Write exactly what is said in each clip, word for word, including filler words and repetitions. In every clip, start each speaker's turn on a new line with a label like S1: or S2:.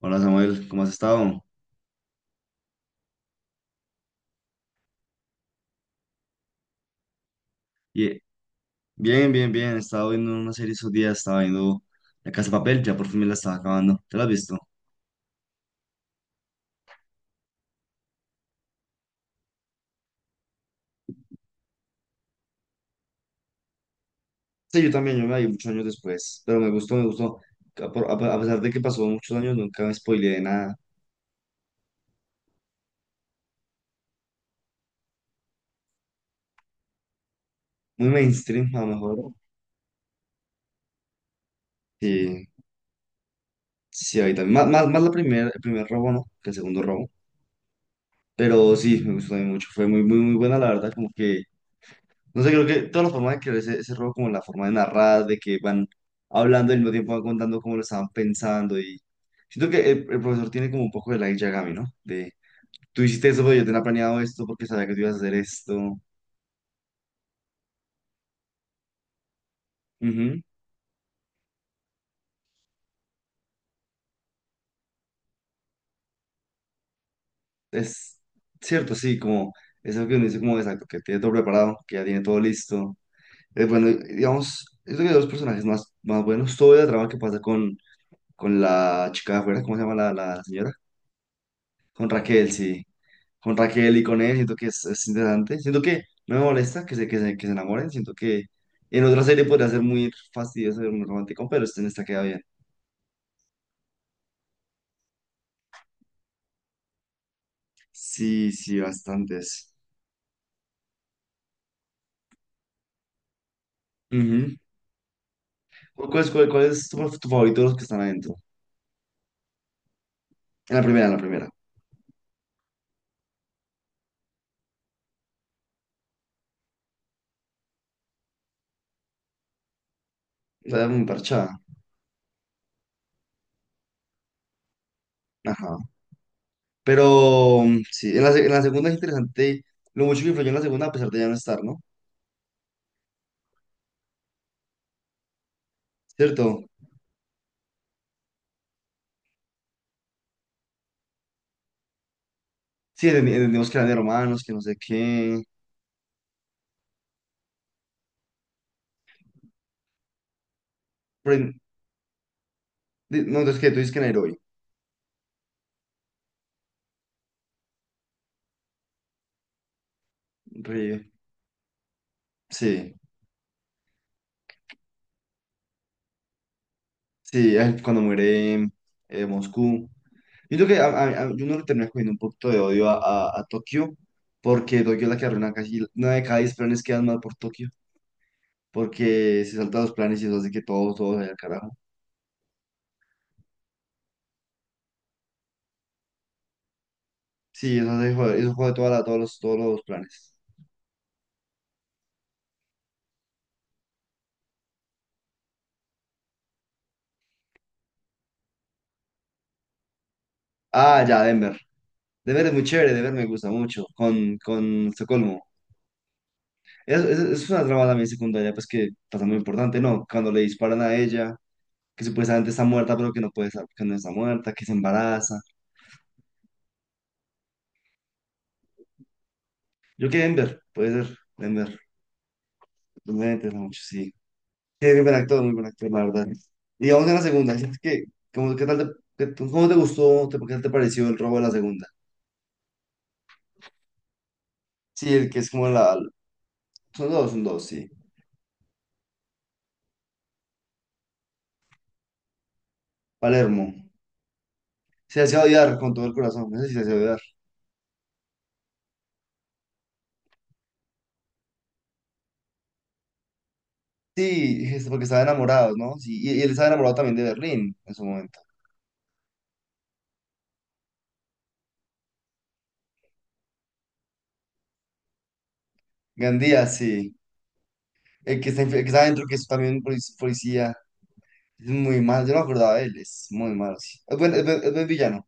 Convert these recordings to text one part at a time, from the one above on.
S1: Hola Samuel, ¿cómo has estado? Ye- Bien, bien, bien. He estado viendo una serie esos días, estaba viendo La Casa de Papel, ya por fin me la estaba acabando. ¿Te la has visto? Sí, yo también, yo me la vi muchos años después, pero me gustó, me gustó. A, por- a pe- a pesar de que pasó muchos años, nunca me spoileé de nada. Muy mainstream, a lo mejor. Sí, sí, ahí también. Más, más, más la primer, el primer robo, ¿no? Que el segundo robo. Pero sí, me gustó también mucho. Fue muy, muy, muy buena, la verdad. Como que, no sé, creo que toda la forma de crear ese, ese juego, como la forma de narrar, de que van hablando y al mismo tiempo van contando cómo lo estaban pensando. Y siento que el, el profesor tiene como un poco de la Yagami, ¿no? De tú hiciste eso, pero yo tenía planeado esto porque sabía que tú ibas a hacer esto. Ujú. Es cierto, sí, como es algo que uno dice, como exacto, que tiene todo preparado, que ya tiene todo listo. Eh, bueno, digamos, es que hay dos personajes más, más buenos. Todo el drama que pasa con con la chica de afuera, ¿cómo se llama la, la señora? Con Raquel, sí. Con Raquel y con él, siento que es, es interesante. Siento que no me molesta que se, que se, que se enamoren. Siento que en otra serie podría ser muy fastidioso, muy romántico, pero este en esta queda bien. Sí, sí, bastantes. Ujú. ¿Cuál, es, cuál- cuál es tu, tu favorito de los que están adentro? En la primera, en la primera. La muy parchada. Ajá. Pero mm, sí, en la, se- en la segunda es interesante lo mucho que influyó en la segunda a pesar de ya no estar, ¿no? ¿Cierto? Sí, entendí- entendimos que eran de romanos, que no sé qué. Pero en- di- no, entonces que tú dices que en Heroi. Re- Sí, sí, ay, cuando muere eh, Moscú. Yo creo que a, a- a- yo no le termina cogiendo un poquito de odio a, a, a Tokio, porque Tokio es la que arruina casi una de cada diez planes quedan mal por Tokio, porque se saltan los planes y eso hace que todos, todos vayan al carajo. Sí, eso hace, joder- eso jode toda la- todos los, todos los planes. Ah, ya, Denver. Denver es muy chévere, Denver me gusta mucho, con, con Estocolmo. Es, es, es una trama también secundaria, pues que pasa muy importante, ¿no? Cuando le disparan a ella, que supuestamente está muerta, pero que no puede estar, que no está muerta, que se embaraza. Yo que Denver, puede ser, Denver, me interesa mucho, sí. Sí, es muy buen actor, muy buen actor, la verdad. Y vamos a la segunda, ¿sientes que, cómo, qué tal te, qué- cómo te gustó, te, qué tal te pareció el robo de la segunda? Sí, el que es como la, son dos, son dos, sí. Palermo. Se hacía odiar con todo el corazón, no sé si se hacía odiar. Sí, es porque estaba enamorado, ¿no? Sí, y, y él estaba enamorado también de Berlín en su momento. Gandía, sí. El que está, enf- el que está adentro, que es también un polic- policía. Es muy malo. Yo no me acordaba de él. Es muy malo, sí. Es buen, es buen- es buen villano.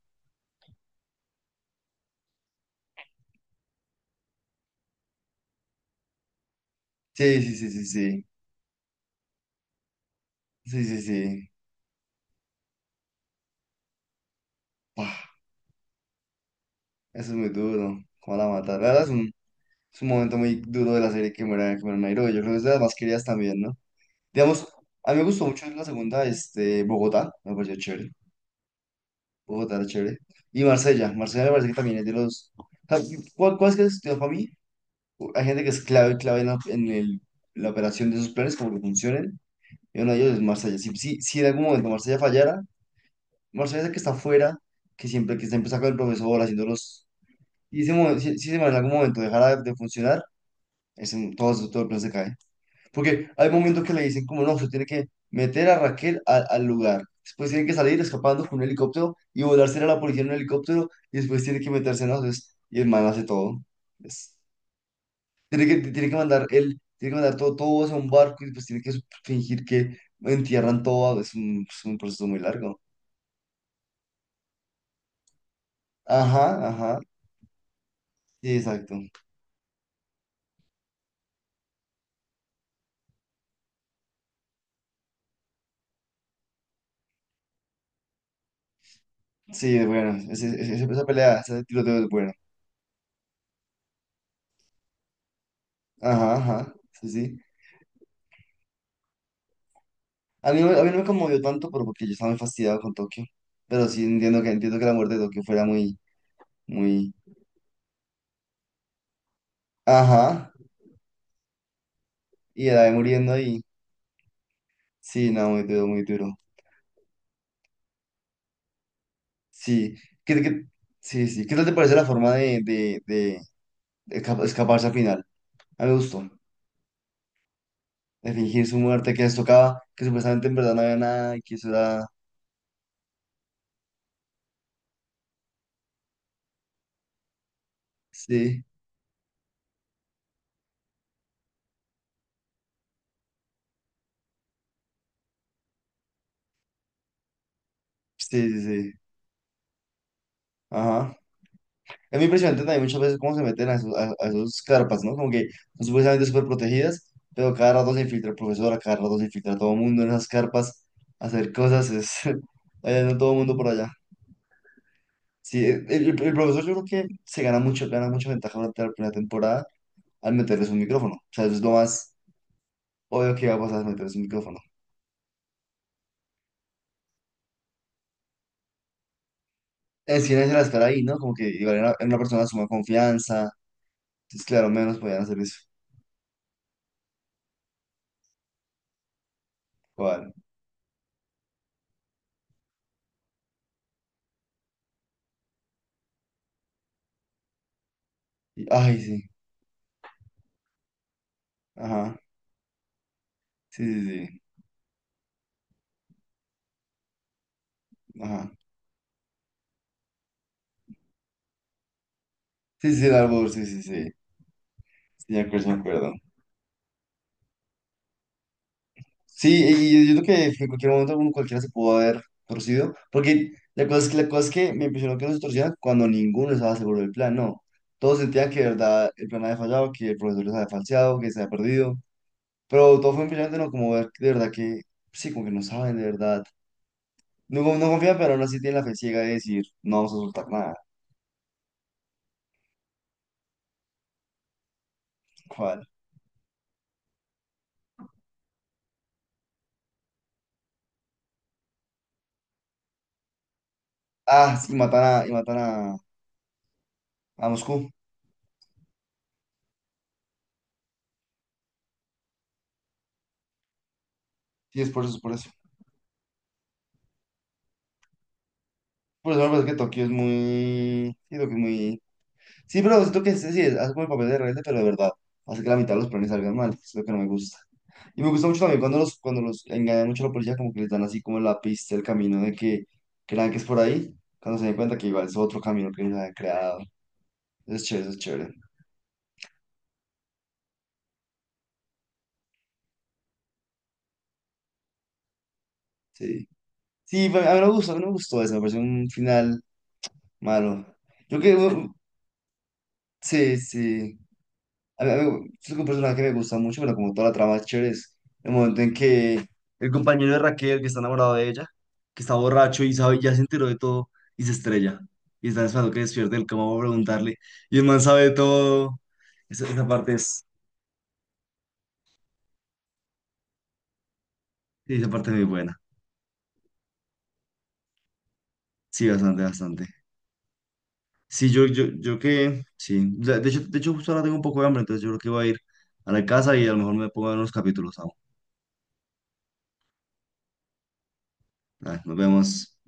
S1: Sí, sí, sí, sí, sí. Sí, sí, sí. Buah, eso es muy duro. ¿Cómo la mata? La verdad es un, es un momento muy duro de la serie que muera, que muera Nairo. Yo creo que es de las más queridas también, ¿no? Digamos, a mí me gustó mucho la segunda, este, Bogotá. Me pareció chévere. Bogotá era chévere. Y Marsella. Marsella me parece que también es de los... O sea, ¿cuál, cuál es que estudió para mí? Hay gente que es clave, clave en la, en el- la operación de sus planes, como que funcionen. Y uno de ellos es Marsella. Si, si, si en algún momento Marsella fallara, Marsella es el que está afuera, que siempre que está empezando con el profesor, haciendo los... Y ese mo- si, si ese man en algún momento dejara de, de funcionar, ese, todo, eso- todo el plan se cae. Porque hay momentos que le dicen como, no, usted tiene que meter a Raquel al al lugar. Después tiene que salir escapando con un helicóptero y volarse a la policía en un helicóptero y después tiene que meterse en las... Y el man hace todo. Tiene que, tiene que mandar el, tiene que mandar todo, todo eso a un barco y pues tiene que fingir que entierran todo. ah, Es un, es un proceso muy largo. Ajá, ajá. Sí, exacto. Sí, bueno, ese- ese- ese- esa pelea, ese tiroteo es bueno. Ajá, ajá. Sí, sí. A mí, no- a mí no me conmovió tanto, pero porque yo estaba muy fastidiado con Tokio. Pero sí entiendo que, entiendo que la muerte de Tokio fuera muy, muy. Ajá. Y la de muriendo ahí. Sí, no, muy duro, muy duro. Sí. ¿Qué, qué- sí, sí. ¿Qué tal te parece la forma de, de, de esca- escaparse al final? A mí me gustó. De fingir su muerte, que les tocaba, que supuestamente en verdad no había nada y que eso era. Sí, sí, sí, sí. Ajá. Es muy impresionante también muchas veces cómo se meten a, esos- a, a esos carpas, ¿no? Como que son supuestamente súper protegidas, pero cada rato se infiltra el profesor, cada rato se infiltra todo el mundo en esas carpas a hacer cosas. Es, allá anda todo el mundo por allá. Sí, el, el- el profesor yo creo que se gana mucho, gana mucha ventaja durante la primera temporada al meterles un micrófono. O sea, eso es lo más obvio que va a pasar, meterles un micrófono. Es que era estar ahí, ¿no? Como que igual era, era una persona de suma confianza. Entonces, claro, menos podían hacer eso. Igual. Y- ay, sí. Ajá. Sí, sí, sí. Ajá. Sí, sí, sí, el árbol, sí, sí, sí. Sí, me acuerdo, sí me acuerdo. Sí, y yo, yo creo que en cualquier momento uno cualquiera se pudo haber torcido. Porque la cosa es que, la cosa es que me impresionó que no se torcieran cuando ninguno estaba seguro del plan, no. Todos sentían que de verdad el plan había fallado, que el profesor les había falseado, que se había perdido. Pero todo fue impresionante, ¿no? Como ver de verdad que, sí, como que no saben de verdad. No, con- no confía, pero aún así tiene la fe ciega de decir, no vamos a soltar nada. ¿Cuál? Ah, sí, matan a, y matan a, a Moscú. Sí, es por eso, es por eso. Por eso me parece que Tokio es muy... Sí, Tokio es muy... Sí, pero siento que sí, sí, hace como el papel de rebelde, pero de verdad. Hace que la mitad de los planes salgan mal. Es lo que no me gusta. Y me gusta mucho también cuando los, cuando los engañan mucho a la policía, como que les dan así como la pista, el camino de que crean que es por ahí, cuando se den cuenta que igual es otro camino que ellos han creado. Eso es chévere, eso es chévere. Sí. Sí, a mí me gustó, a mí me gustó eso, me pareció un final malo. Yo que, bueno, sí, sí. A mí- a mí- es un personaje que me gusta mucho, pero como toda la trama es chévere, es el momento en que el compañero de Raquel, que está enamorado de ella, que está borracho y sabe, ya se enteró de todo y se estrella. Y está esperando que despierte el cama para preguntarle. Y el man sabe de todo. Esa, esa parte es, sí, esa parte es muy buena. Sí, bastante, bastante. Sí, yo, yo, yo que, sí. O sea, de hecho, de hecho, justo ahora tengo un poco de hambre, entonces yo creo que voy a ir a la casa y a lo mejor me pongo a ver unos capítulos aún. Dale, nos vemos.